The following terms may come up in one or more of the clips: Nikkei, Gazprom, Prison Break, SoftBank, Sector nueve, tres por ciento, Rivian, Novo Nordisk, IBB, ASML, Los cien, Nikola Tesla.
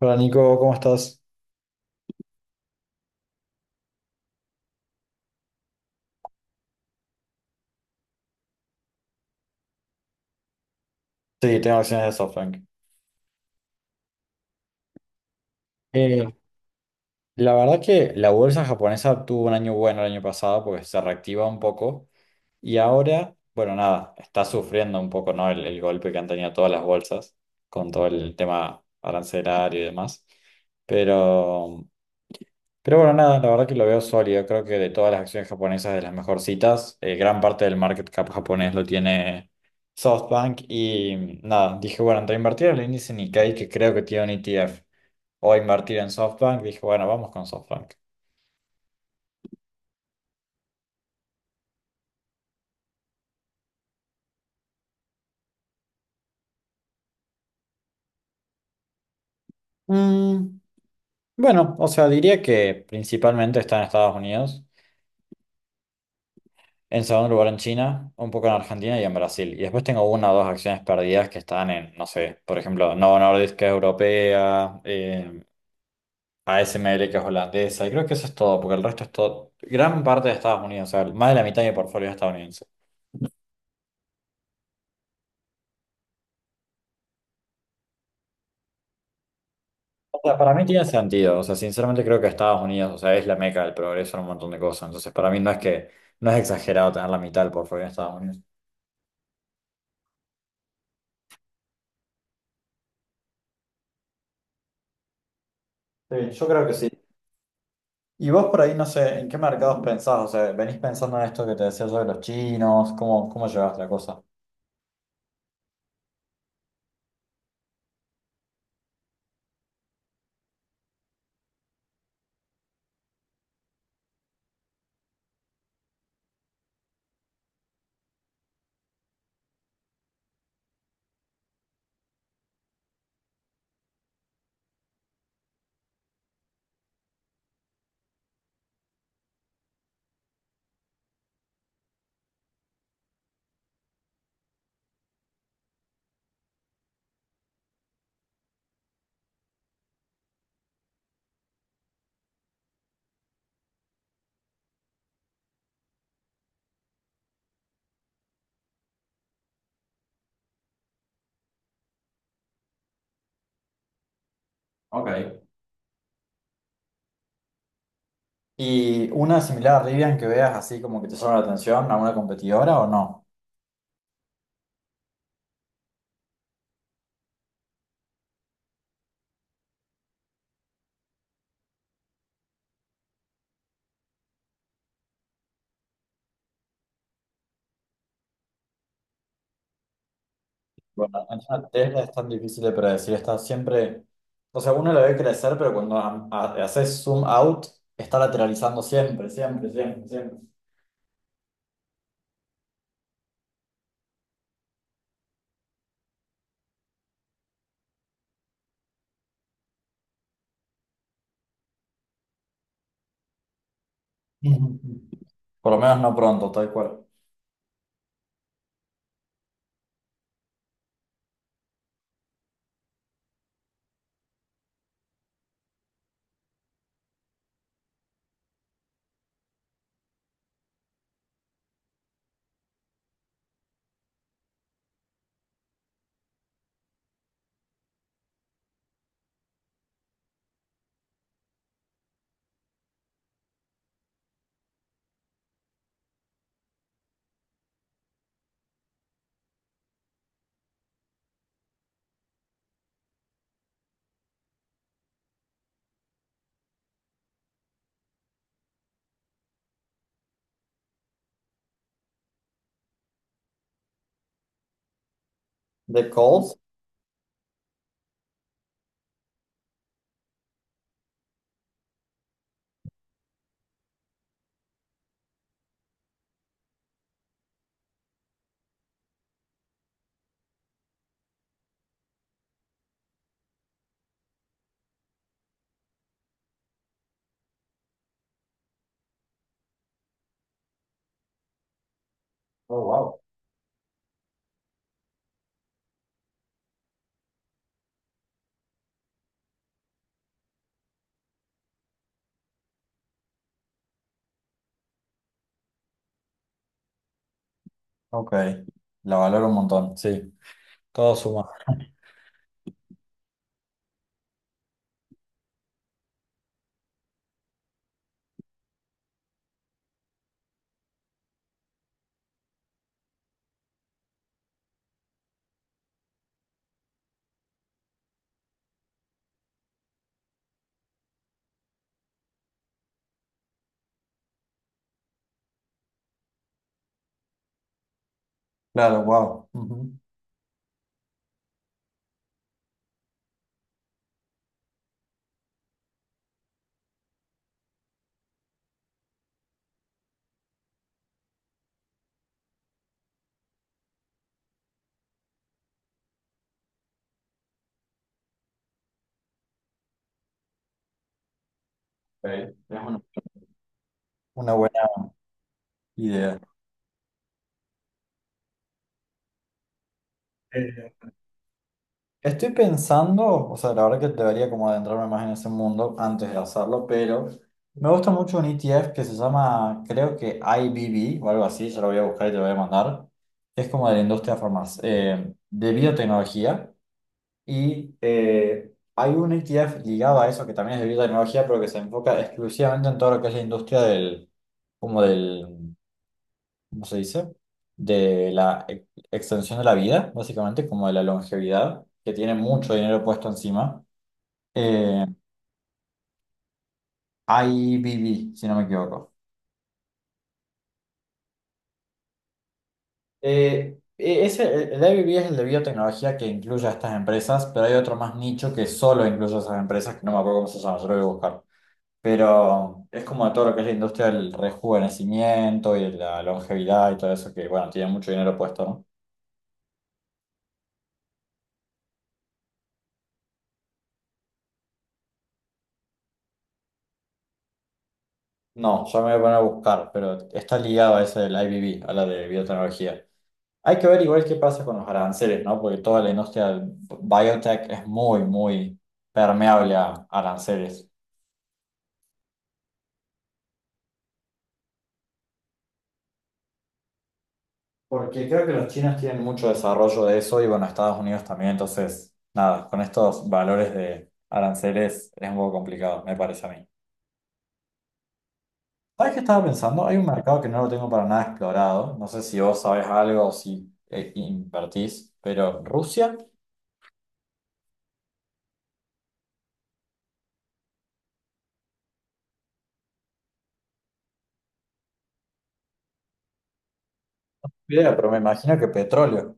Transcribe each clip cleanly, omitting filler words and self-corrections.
Hola Nico, ¿cómo estás? Sí, tengo acciones de SoftBank. Eh, la verdad que la bolsa japonesa tuvo un año bueno el año pasado porque se reactiva un poco y ahora, bueno, nada, está sufriendo un poco, ¿no? El golpe que han tenido todas las bolsas con todo el tema arancelario y demás. Pero Pero bueno, nada, la verdad que lo veo sólido. Creo que de todas las acciones japonesas, de las mejorcitas, gran parte del market cap japonés lo tiene SoftBank. Y nada, dije, bueno, entre invertir en el índice Nikkei, que creo que tiene un ETF, o invertir en SoftBank, dije, bueno, vamos con SoftBank. Mm, bueno, o sea, diría que principalmente está en Estados Unidos, en segundo lugar en China, un poco en Argentina y en Brasil. Y después tengo una o dos acciones perdidas que están en, no sé, por ejemplo, Novo Nordisk, que es europea. ASML, que es holandesa, y creo que eso es todo, porque el resto es todo, gran parte de Estados Unidos, o sea, más de la mitad de mi portfolio es estadounidense. O sea, para mí tiene sentido, o sea, sinceramente creo que Estados Unidos, o sea, es la meca del progreso en un montón de cosas, entonces para mí no es que, no es exagerado tener la mitad del portfolio en Estados Unidos. Sí, yo creo que sí. Y vos por ahí, no sé, ¿en qué mercados pensás? O sea, ¿venís pensando en esto que te decía yo de los chinos? ¿Cómo llevaste la cosa? Ok. ¿Y una similar a Rivian que veas así como que te llama la atención, alguna competidora o no? Bueno, Nikola Tesla es tan difícil de predecir, está siempre, o sea, uno la ve crecer, pero cuando haces zoom out, está lateralizando siempre, siempre, siempre, siempre. Ujú. Por lo menos no pronto, tal cual. The Coles. Oh, wow. Ok, la valoro un montón, sí, todo suma. Claro, wow. Ujú. Ok, es una buena idea. Estoy pensando, o sea, la verdad que debería como adentrarme más en ese mundo antes de hacerlo, pero me gusta mucho un ETF que se llama, creo que IBB o algo así, ya lo voy a buscar y te lo voy a mandar. Es como de la industria farmacéutica, de biotecnología y hay un ETF ligado a eso que también es de biotecnología, pero que se enfoca exclusivamente en todo lo que es la industria del, como del ¿cómo se dice? De la extensión de la vida, básicamente, como de la longevidad, que tiene mucho dinero puesto encima. Eh, IBB, si no me equivoco. Ese, el IBB es el de biotecnología que incluye a estas empresas, pero hay otro más nicho que solo incluye a esas empresas, que no me acuerdo cómo se llama, yo lo voy a buscar. Pero es como de todo lo que es la industria del rejuvenecimiento y de la longevidad y todo eso, que bueno, tiene mucho dinero puesto, ¿no? No, ya me voy a poner a buscar, pero está ligado a ese del IBB, a la de biotecnología. Hay que ver igual qué pasa con los aranceles, ¿no? Porque toda la industria del biotech es muy, muy permeable a aranceles. Porque creo que los chinos tienen mucho desarrollo de eso y bueno, Estados Unidos también, entonces, nada, con estos valores de aranceles es un poco complicado, me parece a mí. ¿Sabes qué estaba pensando? Hay un mercado que no lo tengo para nada explorado, no sé si vos sabés algo o si invertís, pero Rusia. Idea, pero me imagino que petróleo.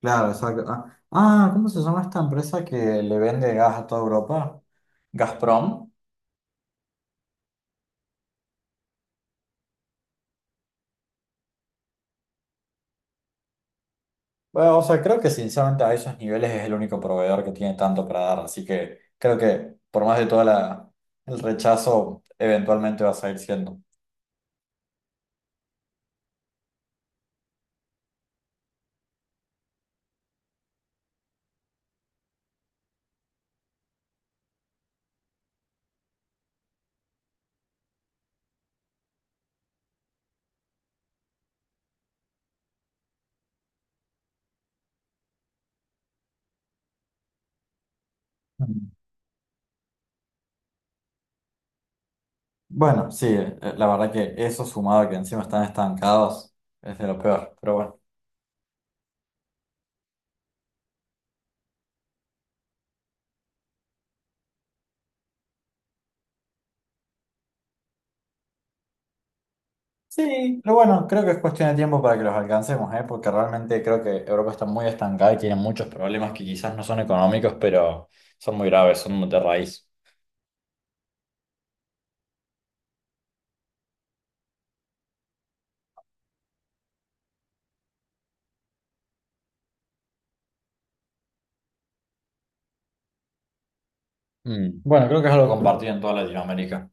Claro, exacto. ¿Cómo se llama esta empresa que le vende gas a toda Europa? ¿Gazprom? Bueno, o sea, creo que sinceramente a esos niveles es el único proveedor que tiene tanto para dar, así que creo que por más de todo el rechazo, eventualmente va a seguir siendo. Mm. Bueno, sí, la verdad que eso sumado a que encima están estancados es de lo peor, pero bueno. Sí, pero bueno, creo que es cuestión de tiempo para que los alcancemos, ¿eh? Porque realmente creo que Europa está muy estancada y tiene muchos problemas que quizás no son económicos, pero son muy graves, son de raíz. Mm, bueno, creo que es algo compartido en toda Latinoamérica.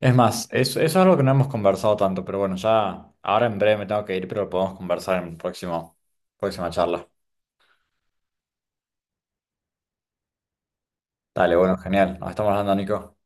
Es más, eso es algo que no hemos conversado tanto, pero bueno, ya ahora en breve me tengo que ir, pero lo podemos conversar en próxima charla. Dale, bueno, genial. Nos estamos hablando, Nico.